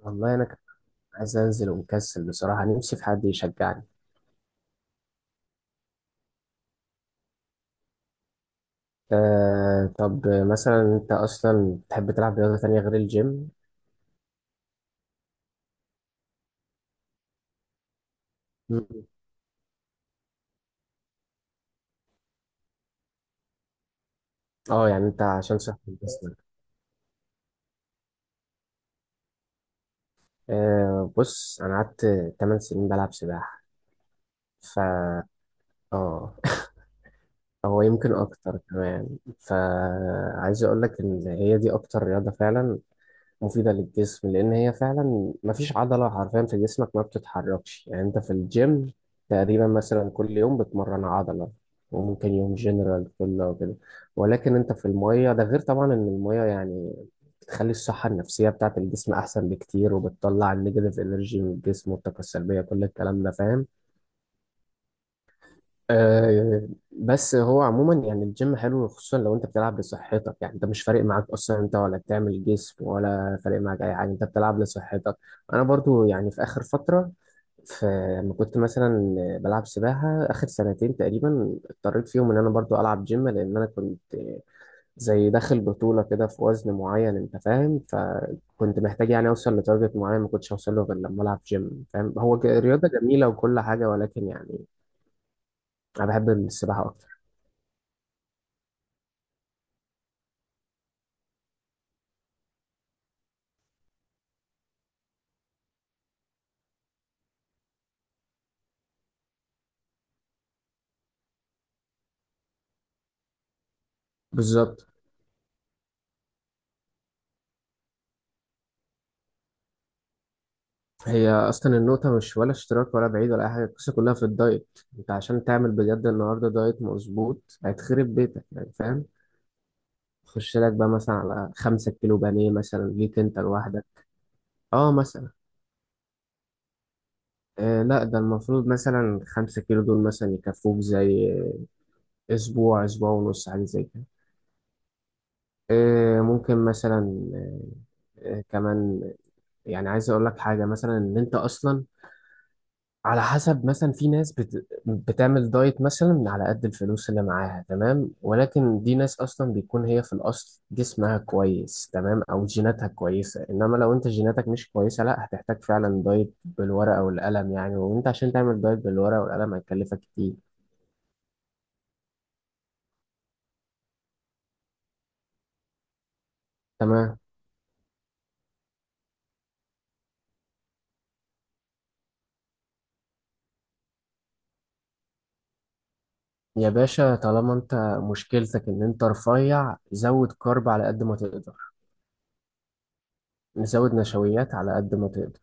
والله انا كنت عايز انزل ومكسل بصراحه. نفسي في حد يشجعني. آه، طب مثلا انت اصلا بتحب تلعب رياضه تانية غير الجيم؟ مم. اه، يعني انت عشان صحه جسمك. آه، بص، انا قعدت 8 سنين بلعب سباحه. ف اه هو يمكن اكتر كمان. فعايز اقول لك ان هي دي اكتر رياضه فعلا مفيدة للجسم، لأن هي فعلا مفيش عضلة حرفيا في جسمك ما بتتحركش. يعني أنت في الجيم تقريبا مثلا كل يوم بتمرن عضلة، وممكن يوم جنرال كله وكده. ولكن أنت في المية، ده غير طبعا إن المية يعني بتخلي الصحة النفسية بتاعت الجسم أحسن بكتير، وبتطلع النيجاتيف إنرجي من الجسم والطاقة السلبية، كل الكلام ده، فاهم؟ آه، بس هو عموما يعني الجيم حلو، خصوصا لو انت بتلعب لصحتك. يعني انت مش فارق معاك اصلا انت ولا بتعمل جسم، ولا فارق معاك اي حاجه، انت بتلعب لصحتك. انا برضو يعني في اخر فتره، في لما كنت مثلا بلعب سباحه اخر سنتين تقريبا، اضطريت فيهم ان انا برضو العب جيم، لان انا كنت زي داخل بطوله كده في وزن معين، انت فاهم؟ فكنت محتاج يعني اوصل لتارجت معين، ما كنتش اوصل له غير لما العب جيم. فاهم؟ هو رياضه جميله وكل حاجه، ولكن يعني انا بحب السباحه اكتر. بالظبط. هي اصلا النقطه مش ولا اشتراك ولا بعيد ولا اي حاجه، القصه كلها في الدايت. انت عشان تعمل بجد النهارده دايت مظبوط هتخرب بيتك، يعني فاهم؟ خش لك بقى مثلا على 5 كيلو بانيه مثلا ليك انت لوحدك. اه مثلا. لا، ده المفروض مثلا 5 كيلو دول مثلا يكفوك زي اسبوع اسبوع ونص حاجه زي كده. ممكن مثلا. آه كمان، يعني عايز اقول لك حاجه، مثلا ان انت اصلا على حسب، مثلا في ناس بتعمل دايت مثلا من على قد الفلوس اللي معاها، تمام. ولكن دي ناس اصلا بيكون هي في الاصل جسمها كويس، تمام، او جيناتها كويسه. انما لو انت جيناتك مش كويسه، لا، هتحتاج فعلا دايت بالورقه والقلم يعني. وانت عشان تعمل دايت بالورقه والقلم هيكلفك كتير. تمام. يا باشا طالما انت مشكلتك ان انت رفيع، زود كارب على قد ما تقدر. زود نشويات على قد ما تقدر.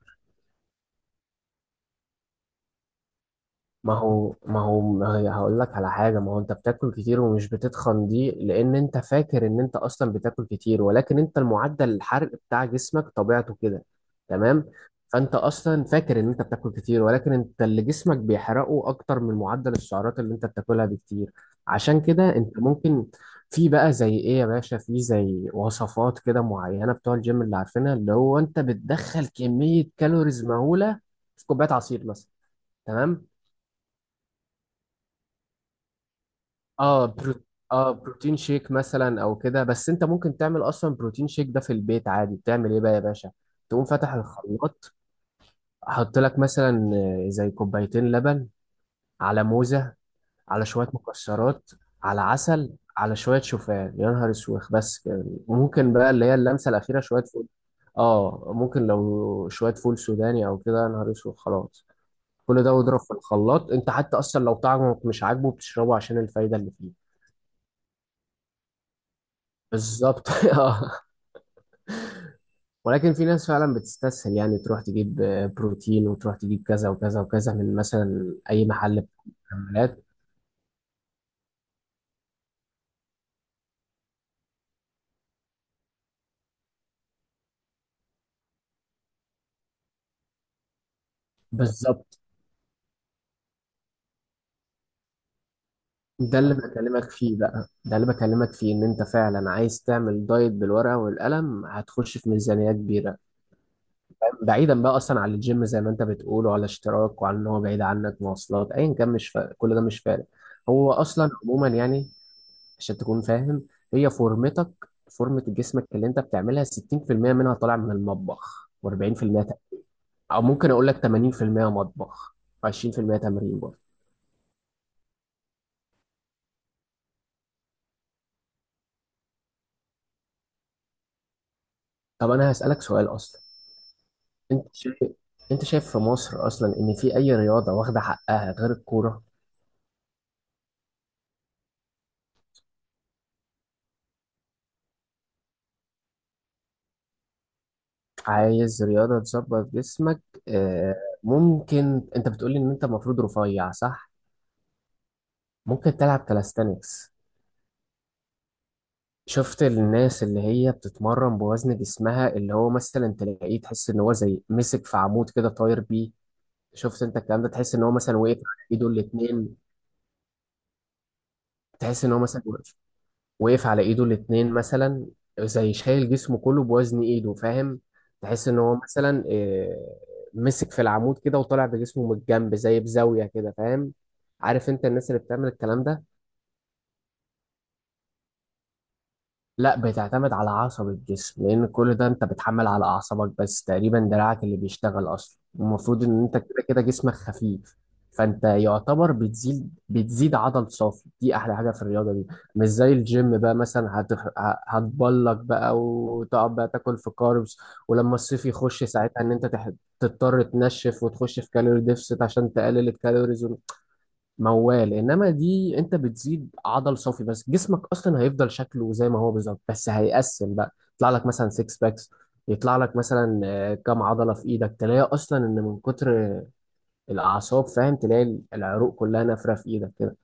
ما هي هقول لك على حاجة. ما هو انت بتاكل كتير ومش بتتخن، دي لان انت فاكر ان انت اصلا بتاكل كتير، ولكن انت المعدل الحرق بتاع جسمك طبيعته كده. تمام. فانت اصلا فاكر ان انت بتاكل كتير، ولكن انت اللي جسمك بيحرقه اكتر من معدل السعرات اللي انت بتاكلها بكتير. عشان كده انت ممكن، في بقى زي ايه يا باشا، في زي وصفات كده معينة بتوع الجيم اللي عارفينها، اللي هو انت بتدخل كمية كالوريز مهولة في كوباية عصير مثلا، تمام. اه اه، بروتين شيك مثلا او كده. بس انت ممكن تعمل اصلا بروتين شيك ده في البيت عادي. بتعمل ايه بقى يا باشا؟ تقوم فاتح الخلاط، حط لك مثلا زي كوبايتين لبن، على موزة، على شوية مكسرات، على عسل، على شوية شوفان، يا نهار اسوخ! بس كده ممكن بقى، اللي هي اللمسة الأخيرة، شوية فول. اه، ممكن لو شوية فول سوداني او كده، يا نهار اسوخ، خلاص. كل ده واضرب في الخلاط. انت حتى اصلا لو طعمك مش عاجبه بتشربه عشان الفايدة اللي فيه. بالظبط. ولكن في ناس فعلا بتستسهل، يعني تروح تجيب بروتين، وتروح تجيب كذا وكذا وكذا من مثلا اي محل بتاع مكملات. بالظبط. ده اللي بكلمك فيه بقى، ده اللي بكلمك فيه، ان انت فعلا عايز تعمل دايت بالورقه والقلم، هتخش في ميزانيه كبيره. بعيدا بقى اصلا عن الجيم زي ما انت بتقول، وعلى اشتراك، وعن ان هو بعيد عنك، مواصلات، ايا كان، مش فارق، كل ده مش فارق. هو اصلا عموما يعني عشان تكون فاهم، هي فورمتك، فورمة جسمك اللي انت بتعملها، 60% منها طالع من المطبخ و40% او ممكن اقول لك 80% مطبخ و20% تمرين برضه. طب انا هسألك سؤال اصلا، انت شايف انت شايف في مصر اصلا ان في اي رياضة واخدة حقها غير الكورة؟ عايز رياضة تظبط جسمك؟ آه، ممكن، انت بتقولي ان انت المفروض رفيع، صح؟ ممكن تلعب كاليستانكس. شفت الناس اللي هي بتتمرن بوزن جسمها، اللي هو مثلا تلاقيه، تحس ان هو زي مسك في عمود كده طاير بيه. شفت انت الكلام ده؟ تحس ان هو مثلا وقف على ايده الاتنين. تحس ان هو مثلا وقف على ايده الاتنين مثلا، زي شايل جسمه كله بوزن ايده، فاهم؟ تحس ان هو مثلا مسك في العمود كده وطالع بجسمه من الجنب زي بزاوية كده، فاهم؟ عارف انت الناس اللي بتعمل الكلام ده؟ لا، بتعتمد على عصب الجسم، لان كل ده انت بتحمل على اعصابك، بس تقريبا دراعك اللي بيشتغل اصلا. المفروض ان انت كده كده جسمك خفيف، فانت يعتبر بتزيد عضل صافي. دي احلى حاجه في الرياضه دي، مش زي الجيم بقى مثلا هتبلك بقى وتقعد بقى تاكل في كاربس، ولما الصيف يخش ساعتها ان انت تضطر تنشف وتخش في كالوري ديفست عشان تقلل الكالوريز. موال، انما دي انت بتزيد عضل صافي، بس جسمك اصلا هيفضل شكله زي ما هو بالظبط، بس هيقسم بقى، يطلع لك مثلا سكس باكس، يطلع لك مثلا كام عضله في ايدك. تلاقي اصلا ان من كتر الاعصاب، فاهم، تلاقي العروق كلها نافره في ايدك كده.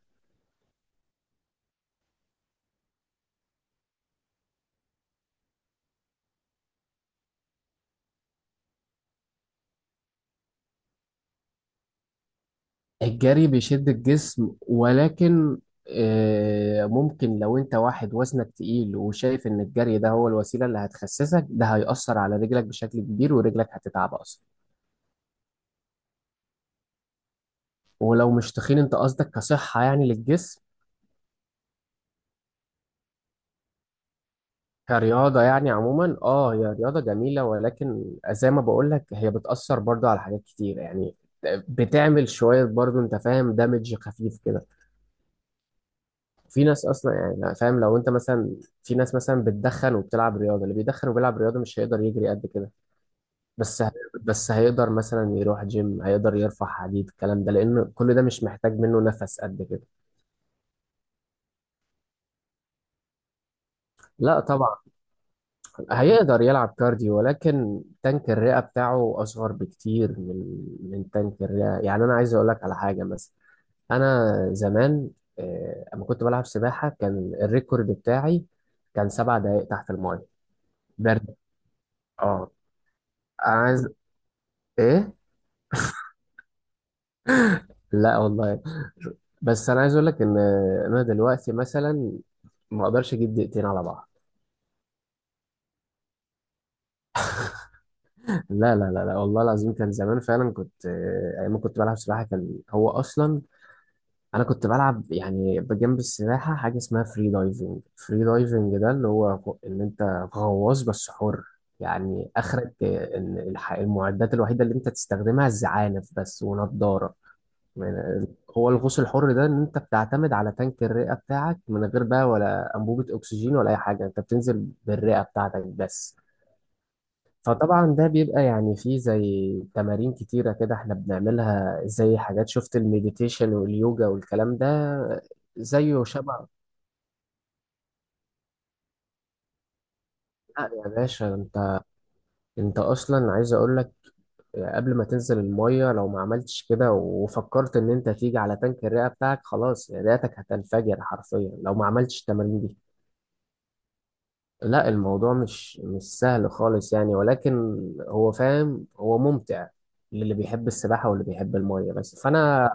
الجري بيشد الجسم، ولكن ممكن لو انت واحد وزنك تقيل وشايف ان الجري ده هو الوسيله اللي هتخسسك، ده هيأثر على رجلك بشكل كبير، ورجلك هتتعب اصلا. ولو مش تخين، انت قصدك كصحة يعني للجسم، كرياضة يعني عموما، اه، هي رياضة جميلة، ولكن زي ما بقولك هي بتأثر برضو على حاجات كتير يعني. بتعمل شوية برضو، انت فاهم، دامج خفيف كده. في ناس اصلا يعني، أنا فاهم، لو انت مثلا، في ناس مثلا بتدخن وبتلعب رياضة، اللي بيدخن وبيلعب رياضة مش هيقدر يجري قد كده. بس ه- بس هيقدر مثلا يروح جيم، هيقدر يرفع حديد، الكلام ده، لأن كل ده مش محتاج منه نفس قد كده. لا طبعا. هيقدر يلعب كارديو، ولكن تانك الرئة بتاعه أصغر بكتير من تانك الرئة. يعني أنا عايز أقول لك على حاجة، مثلا أنا زمان، أما كنت بلعب سباحة كان الريكورد بتاعي كان 7 دقايق تحت الماية. برد. اه. أنا عايز. إيه؟ لا والله. بس أنا عايز أقول لك إن أنا دلوقتي مثلا ما أقدرش أجيب دقيقتين على بعض. لا لا لا لا، والله العظيم كان زمان فعلا، كنت أيام ما كنت بلعب سباحة، كان هو أصلا انا كنت بلعب يعني بجنب السباحه حاجه اسمها فري دايفنج. فري دايفنج ده اللي هو ان انت غواص بس حر. يعني اخرك ان المعدات الوحيده اللي انت تستخدمها الزعانف بس ونضاره. يعني هو الغوص الحر ده ان انت بتعتمد على تانك الرئه بتاعك من غير بقى ولا انبوبه اكسجين ولا اي حاجه، انت بتنزل بالرئه بتاعتك بس. فطبعا ده بيبقى يعني فيه زي تمارين كتيرة كده احنا بنعملها، زي حاجات شفت المديتيشن واليوجا والكلام ده. زيه شبه. لا يا باشا، انت اصلا عايز اقول لك، قبل ما تنزل المية لو ما عملتش كده وفكرت ان انت تيجي على تانك الرئة بتاعك، خلاص، رئتك هتنفجر حرفيا لو ما عملتش التمارين دي. لا، الموضوع مش سهل خالص يعني، ولكن هو فاهم، هو ممتع للي بيحب السباحة واللي بيحب المية بس، فأنا.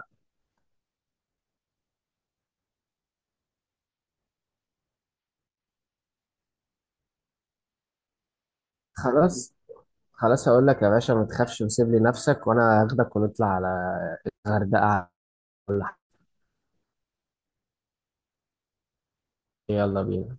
خلاص، خلاص، هقول لك يا باشا، ما تخافش وسيب لي نفسك وانا هاخدك ونطلع على الغردقة ولا حاجة. يلا بينا.